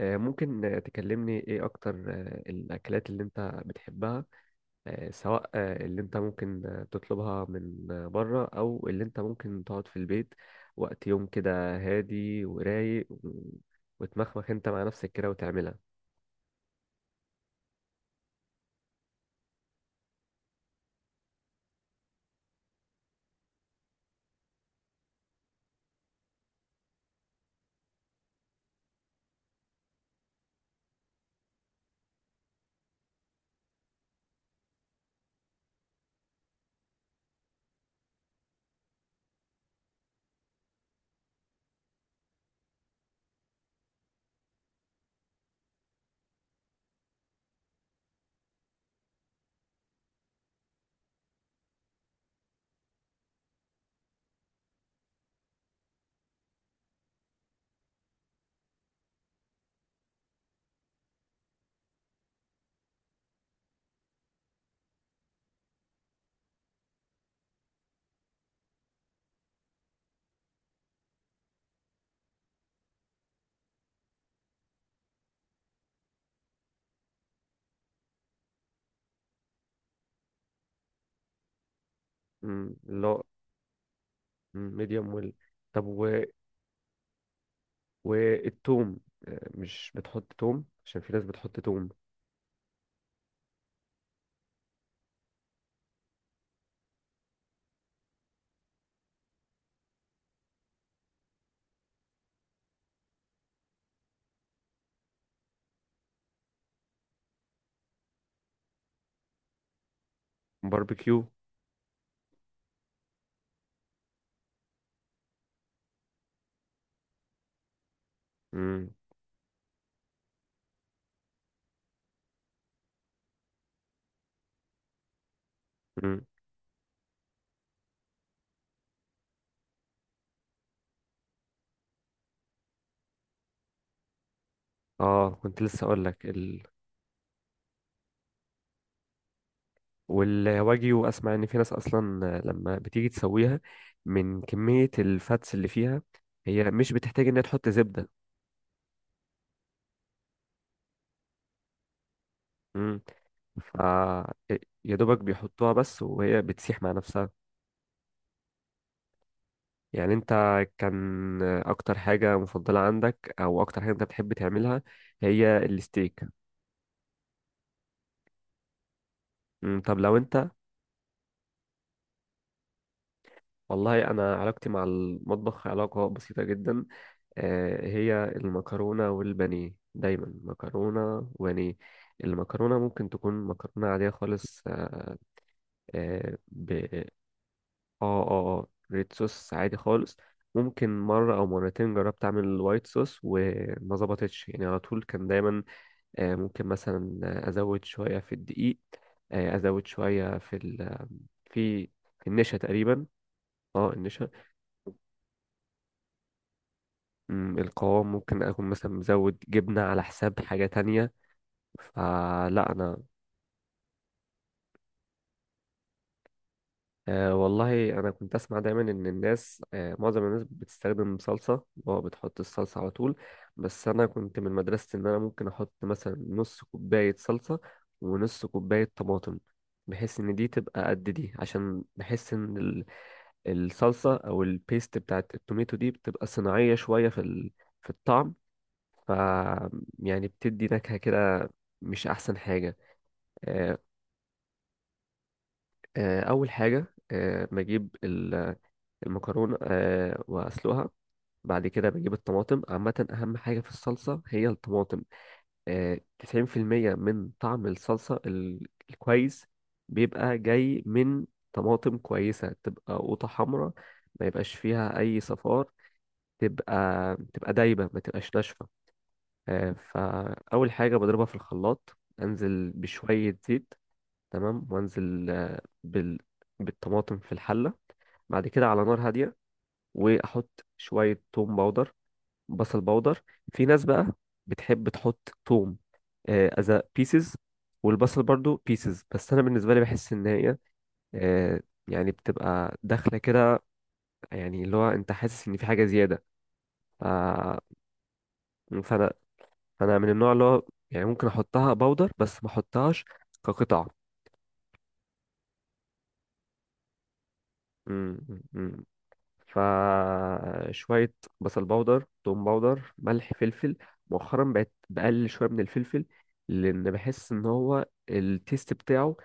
ممكن، تكلمني ايه اكتر، الاكلات اللي انت بتحبها، سواء اللي انت ممكن تطلبها من بره، او اللي انت ممكن تقعد في البيت وقت يوم كده هادي ورايق وتمخمخ انت مع نفسك كده وتعملها. مم، لا. ميديوم ويل. طب والثوم. مش بتحط توم؟ عشان في ناس بتحط توم. باربيكيو. مم. مم. اه، كنت لسه اقول لك. والواجيو، اسمع ان في ناس اصلا لما بتيجي تسويها، من كمية الفاتس اللي فيها هي مش بتحتاج انها تحط زبدة. امم ف يا دوبك بيحطوها بس وهي بتسيح مع نفسها. يعني كان اكتر حاجة مفضلة عندك، او اكتر حاجة انت بتحب تعملها، هي الستيك؟ طب لو انت. والله انا علاقتي مع المطبخ علاقة بسيطة جدا. هي المكرونة والبانيه، دايما مكرونة وبانيه. المكرونة ممكن تكون مكرونة عادية خالص. آه آه، ب اه اه. آه، ريد صوص عادي خالص. ممكن مرة أو مرتين جربت أعمل الوايت صوص وما ظبطتش، يعني على طول كان دايما، ممكن مثلا أزود شوية في الدقيق، آه، أزود شوية في ال في في النشا تقريبا. اه، النشا. القوام، ممكن أكون مثلا مزود جبنة على حساب حاجة تانية. فلا انا والله انا كنت اسمع دايما ان الناس، معظم الناس بتستخدم صلصه، اللي هو بتحط الصلصه على طول. بس انا كنت من مدرسه ان انا ممكن احط مثلا نص كوبايه صلصه ونص كوبايه طماطم، بحيث ان دي تبقى قد دي، عشان بحس ان الصلصه او البيست بتاعت التوميتو دي بتبقى صناعيه شويه في في الطعم. ف يعني بتدي نكهه كده، مش احسن حاجه. آه اول حاجه بجيب المكرونة وأسلقها. بعد كده بجيب الطماطم. عامة أهم حاجة في الصلصة هي الطماطم. آه 90% من طعم الصلصة الكويس بيبقى جاي من طماطم كويسة، تبقى قوطة حمراء، ما يبقاش فيها أي صفار، تبقى تبقى دايبة، ما تبقاش ناشفة. فأول حاجة بضربها في الخلاط، أنزل بشوية زيت. تمام. وأنزل بالطماطم في الحلة. بعد كده على نار هادية، واحط شويه توم باودر، بصل باودر. في ناس بقى بتحب تحط توم از بيسز والبصل برضو بيسز، بس انا بالنسبه لي بحس ان هي آه، يعني بتبقى داخله كده، يعني اللي هو انت حاسس ان في حاجه زياده. ف- فانا فانا من النوع اللي هو يعني ممكن احطها باودر بس ما احطهاش كقطع. مم. مم. فشوية بصل باودر، توم باودر، ملح، فلفل. مؤخرا بقت بقلل شوية من الفلفل، لأن بحس إن هو التيست بتاعه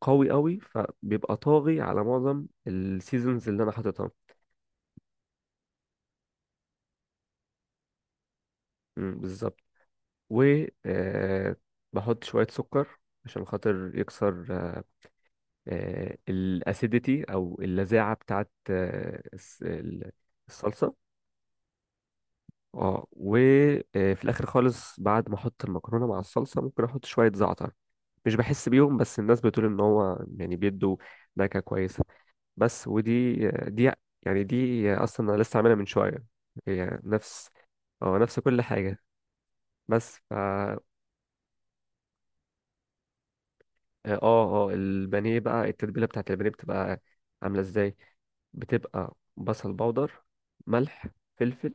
قوي قوي، فبيبقى طاغي على معظم السيزونز اللي أنا حاططها. مم، بالظبط. و آه، بحط شوية سكر عشان خاطر يكسر الاسيديتي او اللذاعه بتاعت الصلصه. اه، وفي الاخر خالص، بعد ما احط المكرونه مع الصلصه، ممكن احط شويه زعتر، مش بحس بيهم، بس الناس بتقول ان هو يعني بيدوا نكهه كويسه. بس ودي دي، يعني دي اصلا انا لسه عاملها من شويه، هي نفس. اه، نفس كل حاجه. بس فا اه اه. البانيه بقى، التتبيله بتاعت البانيه بتبقى عامله ازاي؟ بتبقى بصل باودر، ملح، فلفل،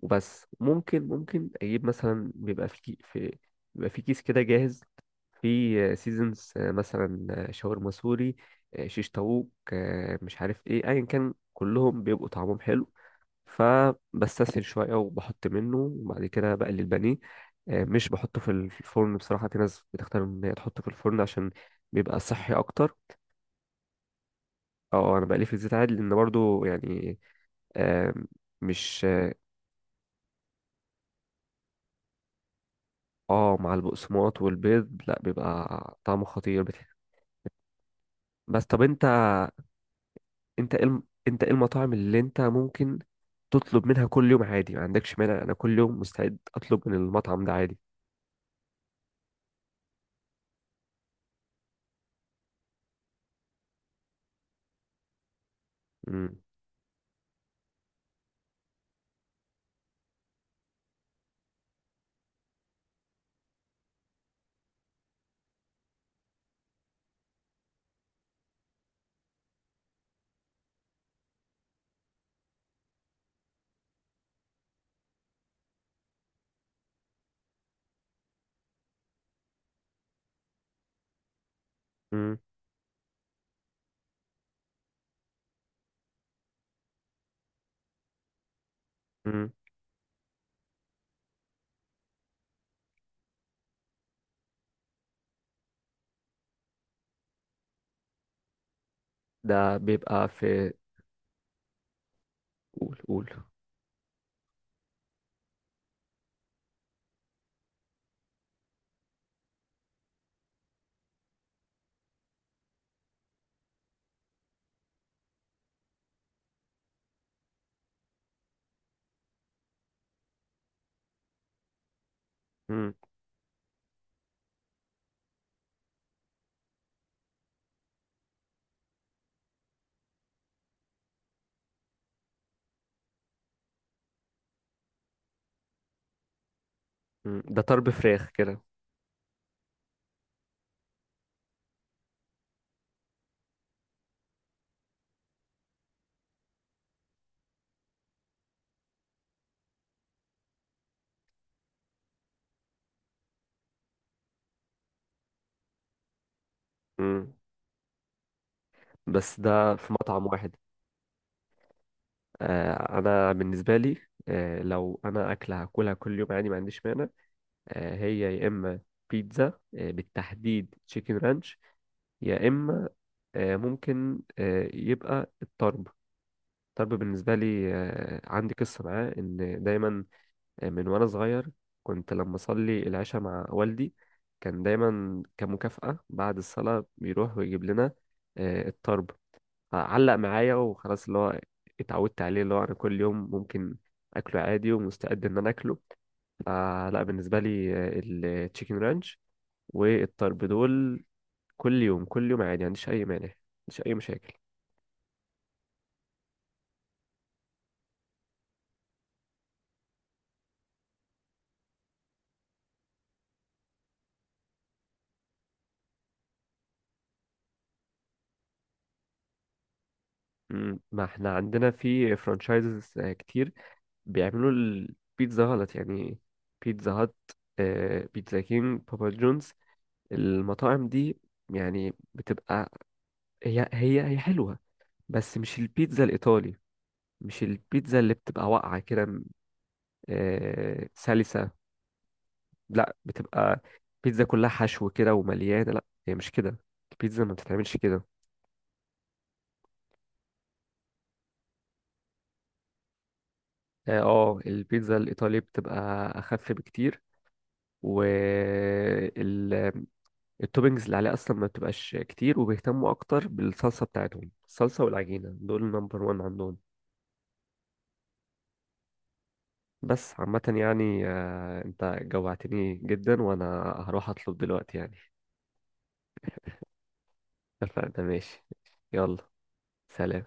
وبس. ممكن اجيب مثلا، بيبقى في كيس كده جاهز، في سيزونز، مثلا شاورما سوري، شيش طاووق، مش عارف ايه، ايا كان كلهم بيبقوا طعمهم حلو. فبستسهل شويه وبحط منه، وبعد كده بقلي البانيه. مش بحطه في الفرن بصراحه. في ناس بتختار ان هي تحطه في الفرن عشان بيبقى صحي اكتر. اه، انا بقليه في الزيت عادي، لان برضو يعني آم، مش اه، مع البقسماط والبيض لا، بيبقى طعمه خطير. بس طب انت، انت ايه المطاعم اللي انت ممكن تطلب منها كل يوم عادي، ما عندكش مانع؟ انا كل يوم مستعد اطلب من المطعم ده عادي. مم. مم. مم. ده بيبقى في قول قول. مم. مم. ده طرب فراخ كده. مم. بس ده في مطعم واحد. انا بالنسبه لي، لو انا اكله هاكلها كل يوم عادي ما عنديش مانع. هي يا اما بيتزا، بالتحديد تشيكن رانش، يا اما آه، ممكن آه، يبقى الطرب. الطرب بالنسبه لي عندي قصه معاه، ان دايما، من وانا صغير كنت لما اصلي العشاء مع والدي، كان دايما كمكافأة بعد الصلاة بيروح ويجيب لنا الطرب. علق معايا وخلاص، اللي هو اتعودت عليه، اللي هو انا كل يوم ممكن اكله عادي، ومستعد ان انا اكله. فلا بالنسبه لي التشيكن رانش والطرب دول، كل يوم كل يوم عادي، ما عنديش اي مانع، ما عنديش اي مشاكل. ما احنا عندنا في فرانشايزز كتير بيعملوا البيتزا غلط يعني. بيتزا هات، بيتزا كينج، بابا جونز، المطاعم دي يعني بتبقى هي حلوة، بس مش البيتزا الإيطالي، مش البيتزا اللي بتبقى واقعة كده، سلسة، لا بتبقى بيتزا كلها حشو كده ومليانة. لا هي مش كده، البيتزا ما بتتعملش كده. اه، البيتزا الايطالي بتبقى اخف بكتير، والتوبنجز اللي عليها اصلا ما بتبقاش كتير، وبيهتموا اكتر بالصلصه بتاعتهم. الصلصه والعجينه دول نمبر وان عندهم. بس عامه يعني، انت جوعتني جدا وانا هروح اطلب دلوقتي يعني. اتفقنا، ماشي. يلا. سلام.